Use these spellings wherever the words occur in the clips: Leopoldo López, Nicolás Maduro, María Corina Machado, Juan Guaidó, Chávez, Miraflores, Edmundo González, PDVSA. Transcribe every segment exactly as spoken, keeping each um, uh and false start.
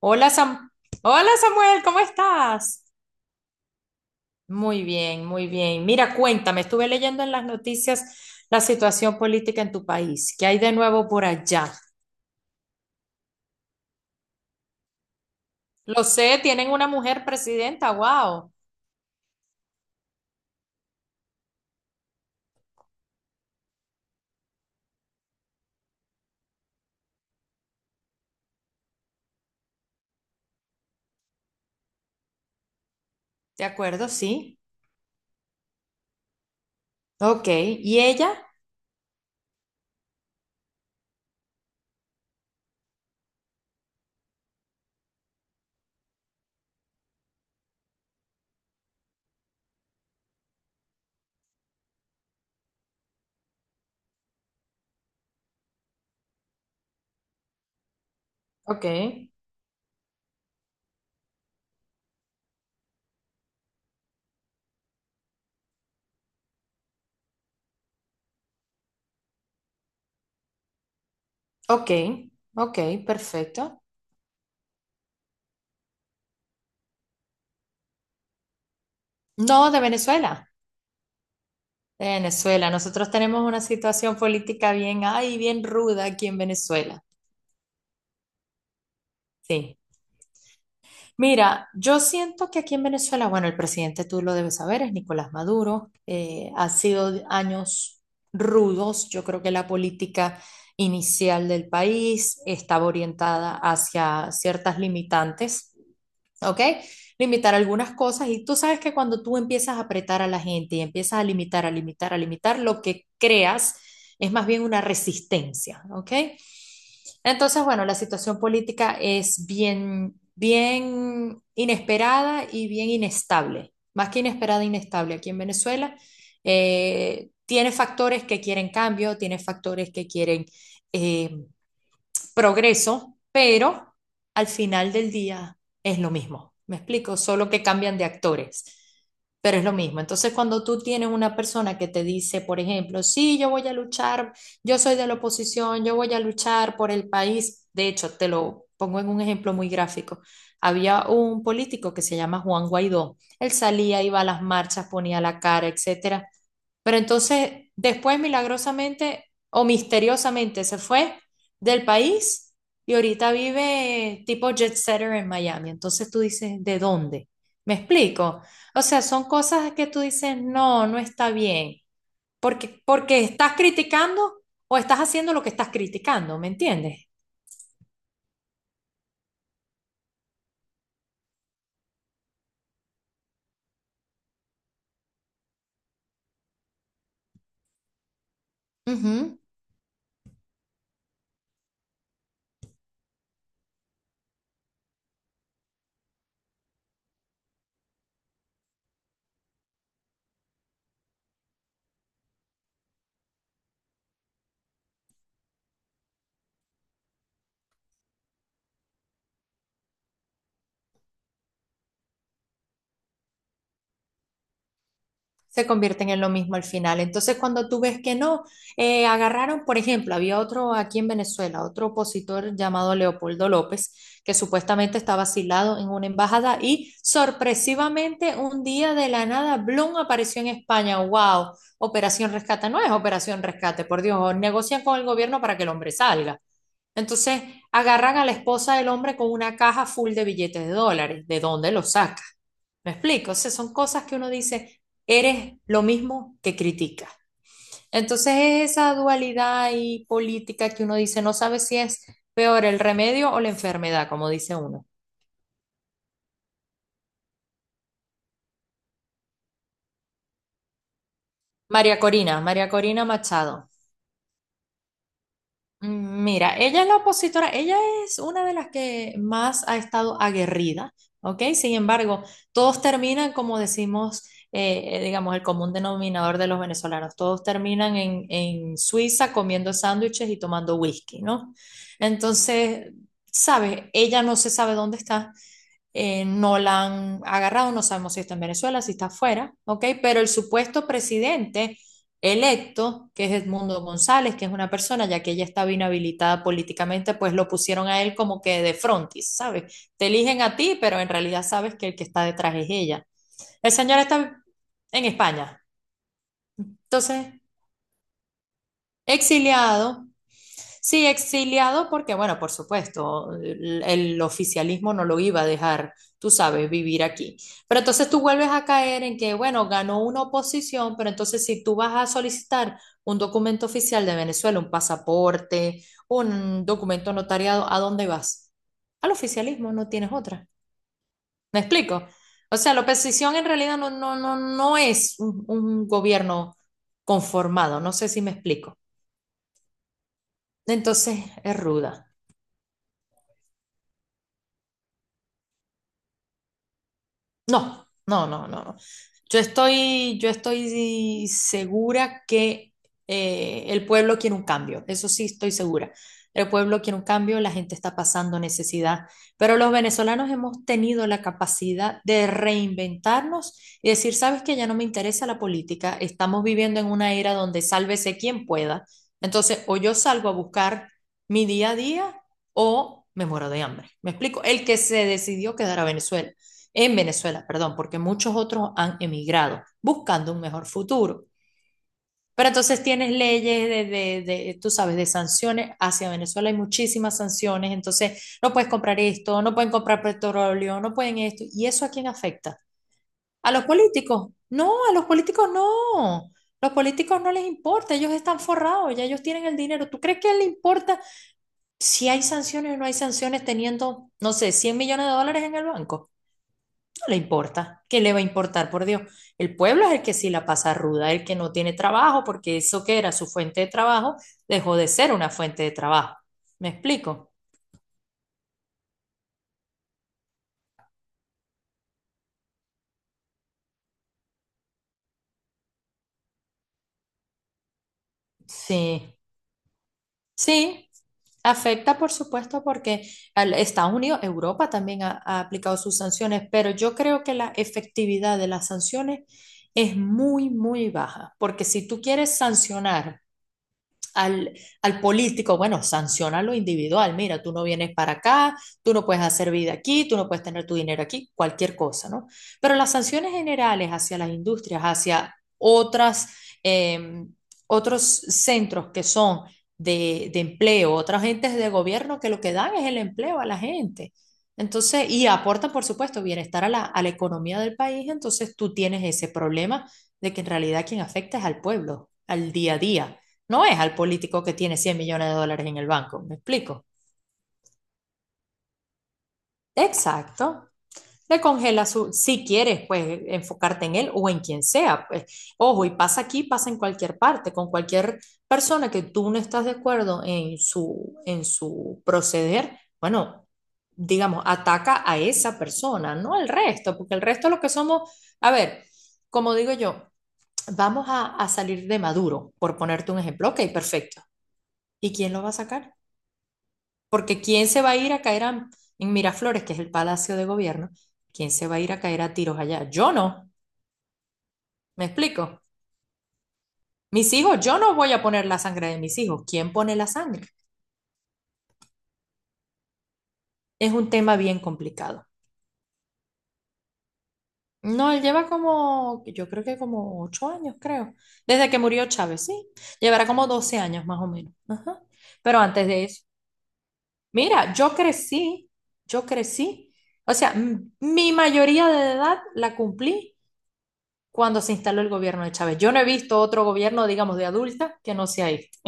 Hola, Sam- Hola Samuel, ¿cómo estás? Muy bien, muy bien. Mira, cuéntame, estuve leyendo en las noticias la situación política en tu país. ¿Qué hay de nuevo por allá? Lo sé, tienen una mujer presidenta, wow. De acuerdo, sí. Ok, ¿y ella? Ok, ok, ok, perfecto. No, de Venezuela. De Venezuela, nosotros tenemos una situación política bien, ay, bien ruda aquí en Venezuela. Sí. Mira, yo siento que aquí en Venezuela, bueno, el presidente tú lo debes saber, es Nicolás Maduro. Eh, ha sido años rudos. Yo creo que la política inicial del país estaba orientada hacia ciertas limitantes. ¿Ok? Limitar algunas cosas y tú sabes que cuando tú empiezas a apretar a la gente y empiezas a limitar, a limitar, a limitar, lo que creas es más bien una resistencia, ¿ok? Entonces, bueno, la situación política es bien, bien inesperada y bien inestable, más que inesperada, inestable aquí en Venezuela. Eh, tiene factores que quieren cambio, tiene factores que quieren eh, es progreso, pero al final del día es lo mismo. ¿Me explico? Solo que cambian de actores, pero es lo mismo. Entonces, cuando tú tienes una persona que te dice, por ejemplo, sí, yo voy a luchar, yo soy de la oposición, yo voy a luchar por el país, de hecho, te lo pongo en un ejemplo muy gráfico. Había un político que se llama Juan Guaidó. Él salía, iba a las marchas, ponía la cara, etcétera. Pero entonces, después milagrosamente o misteriosamente se fue del país y ahorita vive tipo jet setter en Miami. Entonces tú dices, ¿de dónde? ¿Me explico? O sea, son cosas que tú dices, no, no está bien. Porque, porque estás criticando o estás haciendo lo que estás criticando, ¿me entiendes? Ujú. Se convierten en lo mismo al final. Entonces, cuando tú ves que no, eh, agarraron, por ejemplo, había otro aquí en Venezuela, otro opositor llamado Leopoldo López, que supuestamente estaba asilado en una embajada y sorpresivamente un día de la nada, Blum apareció en España. ¡Wow! Operación Rescate, no es Operación Rescate, por Dios, negocian con el gobierno para que el hombre salga. Entonces, agarran a la esposa del hombre con una caja full de billetes de dólares. ¿De dónde los sacan? Me explico, o sea, son cosas que uno dice, eres lo mismo que criticas. Entonces es esa dualidad y política que uno dice, no sabe si es peor el remedio o la enfermedad, como dice uno. María Corina, María Corina Machado. Mm, Mira, ella es la opositora, ella es una de las que más ha estado aguerrida, ¿ok? Sin embargo, todos terminan, como decimos, eh, eh, digamos, el común denominador de los venezolanos, todos terminan en en Suiza comiendo sándwiches y tomando whisky, ¿no? Entonces, ¿sabes? Ella no se sabe dónde está. Eh, no la han agarrado, no sabemos si está en Venezuela, si está afuera, ¿ok? Pero el supuesto presidente electo, que es Edmundo González, que es una persona, ya que ella estaba inhabilitada políticamente, pues lo pusieron a él como que de frontis, ¿sabes? Te eligen a ti, pero en realidad sabes que el que está detrás es ella. El señor está en España, entonces exiliado. Sí, exiliado porque, bueno, por supuesto, el, el oficialismo no lo iba a dejar, tú sabes, vivir aquí. Pero entonces tú vuelves a caer en que, bueno, ganó una oposición, pero entonces si tú vas a solicitar un documento oficial de Venezuela, un pasaporte, un documento notariado, ¿a dónde vas? Al oficialismo, no tienes otra. ¿Me explico? O sea, la oposición en realidad no, no, no, no es un, un gobierno conformado, no sé si me explico. Entonces es ruda. No, no, no, no, no. Yo estoy, yo estoy segura que eh, el pueblo quiere un cambio, eso sí estoy segura. El pueblo quiere un cambio, la gente está pasando necesidad, pero los venezolanos hemos tenido la capacidad de reinventarnos y decir, sabes que ya no me interesa la política, estamos viviendo en una era donde sálvese quien pueda. Entonces, o yo salgo a buscar mi día a día o me muero de hambre. ¿Me explico? El que se decidió quedar a Venezuela en Venezuela, perdón, porque muchos otros han emigrado buscando un mejor futuro. Pero entonces tienes leyes de, de, de, tú sabes, de sanciones hacia Venezuela, hay muchísimas sanciones, entonces no puedes comprar esto, no pueden comprar petróleo, no pueden esto. ¿Y eso a quién afecta? ¿A los políticos? No, a los políticos no. Los políticos no les importa, ellos están forrados, ya ellos tienen el dinero. ¿Tú crees que a él le importa si hay sanciones o no hay sanciones teniendo, no sé, cien millones de dólares en el banco? No le importa. ¿Qué le va a importar, por Dios? El pueblo es el que sí la pasa ruda, el que no tiene trabajo, porque eso que era su fuente de trabajo dejó de ser una fuente de trabajo. ¿Me explico? Sí, sí, afecta, por supuesto, porque al- Estados Unidos, Europa también ha, ha aplicado sus sanciones, pero yo creo que la efectividad de las sanciones es muy, muy baja, porque si tú quieres sancionar al, al político, bueno, sanciona lo individual, mira, tú no vienes para acá, tú no puedes hacer vida aquí, tú no puedes tener tu dinero aquí, cualquier cosa, ¿no? Pero las sanciones generales hacia las industrias, hacia otras, eh, otros centros que son de, de empleo, otras entes de gobierno que lo que dan es el empleo a la gente. Entonces, y aportan, por supuesto, bienestar a la, a la economía del país, entonces tú tienes ese problema de que en realidad quien afecta es al pueblo, al día a día, no es al político que tiene cien millones de dólares en el banco, ¿me explico? Exacto. Le congela su, si quieres, pues enfocarte en él o en quien sea. Pues. Ojo, y pasa aquí, pasa en cualquier parte, con cualquier persona que tú no estás de acuerdo en su, en su proceder, bueno, digamos, ataca a esa persona, no al resto, porque el resto lo que somos, a ver, como digo yo, vamos a, a salir de Maduro, por ponerte un ejemplo, ok, perfecto. ¿Y quién lo va a sacar? Porque ¿quién se va a ir a caer a- en Miraflores, que es el Palacio de Gobierno? ¿Quién se va a ir a caer a tiros allá? Yo no, ¿me explico? Mis hijos, yo no voy a poner la sangre de mis hijos. ¿Quién pone la sangre? Es un tema bien complicado. No, él lleva como, yo creo que como ocho años, creo. Desde que murió Chávez, sí. Llevará como doce años más o menos. Ajá. Pero antes de eso, mira, yo crecí, yo crecí. O sea, m- mi mayoría de edad la cumplí cuando se instaló el gobierno de Chávez. Yo no he visto otro gobierno, digamos, de adulta que no sea este.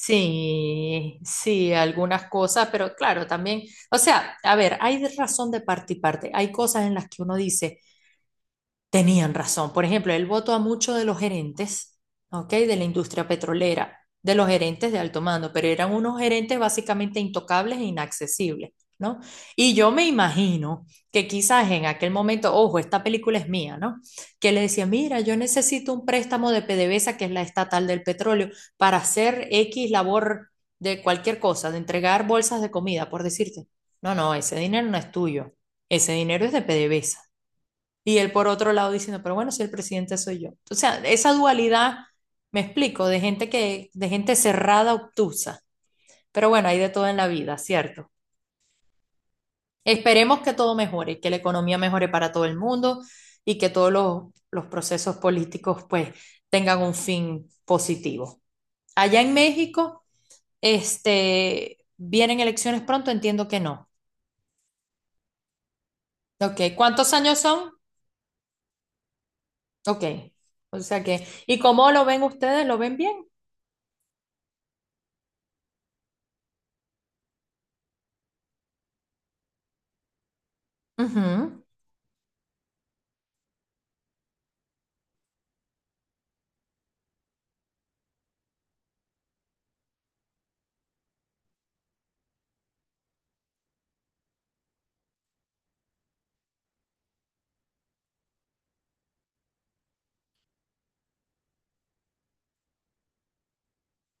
Sí, sí, algunas cosas, pero claro, también, o sea, a ver, hay de razón de parte y parte. Hay cosas en las que uno dice, tenían razón. Por ejemplo, él votó a muchos de los gerentes, ¿ok? De la industria petrolera, de los gerentes de alto mando, pero eran unos gerentes básicamente intocables e inaccesibles, ¿no? Y yo me imagino que quizás en aquel momento, ojo, esta película es mía, ¿no? Que le decía, mira, yo necesito un préstamo de PDVSA, que es la estatal del petróleo, para hacer X labor de cualquier cosa, de entregar bolsas de comida, por decirte. No, no, ese dinero no es tuyo. Ese dinero es de PDVSA y él por otro lado diciendo, pero bueno, si el presidente soy yo. O sea, esa dualidad, me explico, de gente que, de gente cerrada, obtusa. Pero bueno, hay de todo en la vida, ¿cierto? Esperemos que todo mejore, que la economía mejore para todo el mundo y que todos los, los procesos políticos pues tengan un fin positivo. Allá en México, este, ¿vienen elecciones pronto? Entiendo que no. Ok, ¿cuántos años son? Ok, o sea que, ¿y cómo lo ven ustedes? ¿Lo ven bien? Ujú.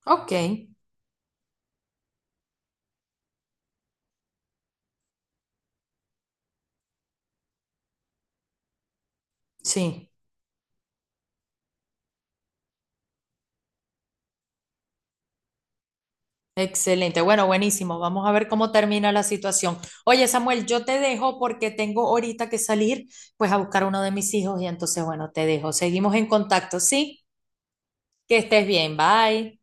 Ok, sí, excelente. Bueno, buenísimo. Vamos a ver cómo termina la situación. Oye, Samuel, yo te dejo porque tengo ahorita que salir, pues a buscar uno de mis hijos y entonces, bueno, te dejo. Seguimos en contacto, ¿sí? Que estés bien. Bye.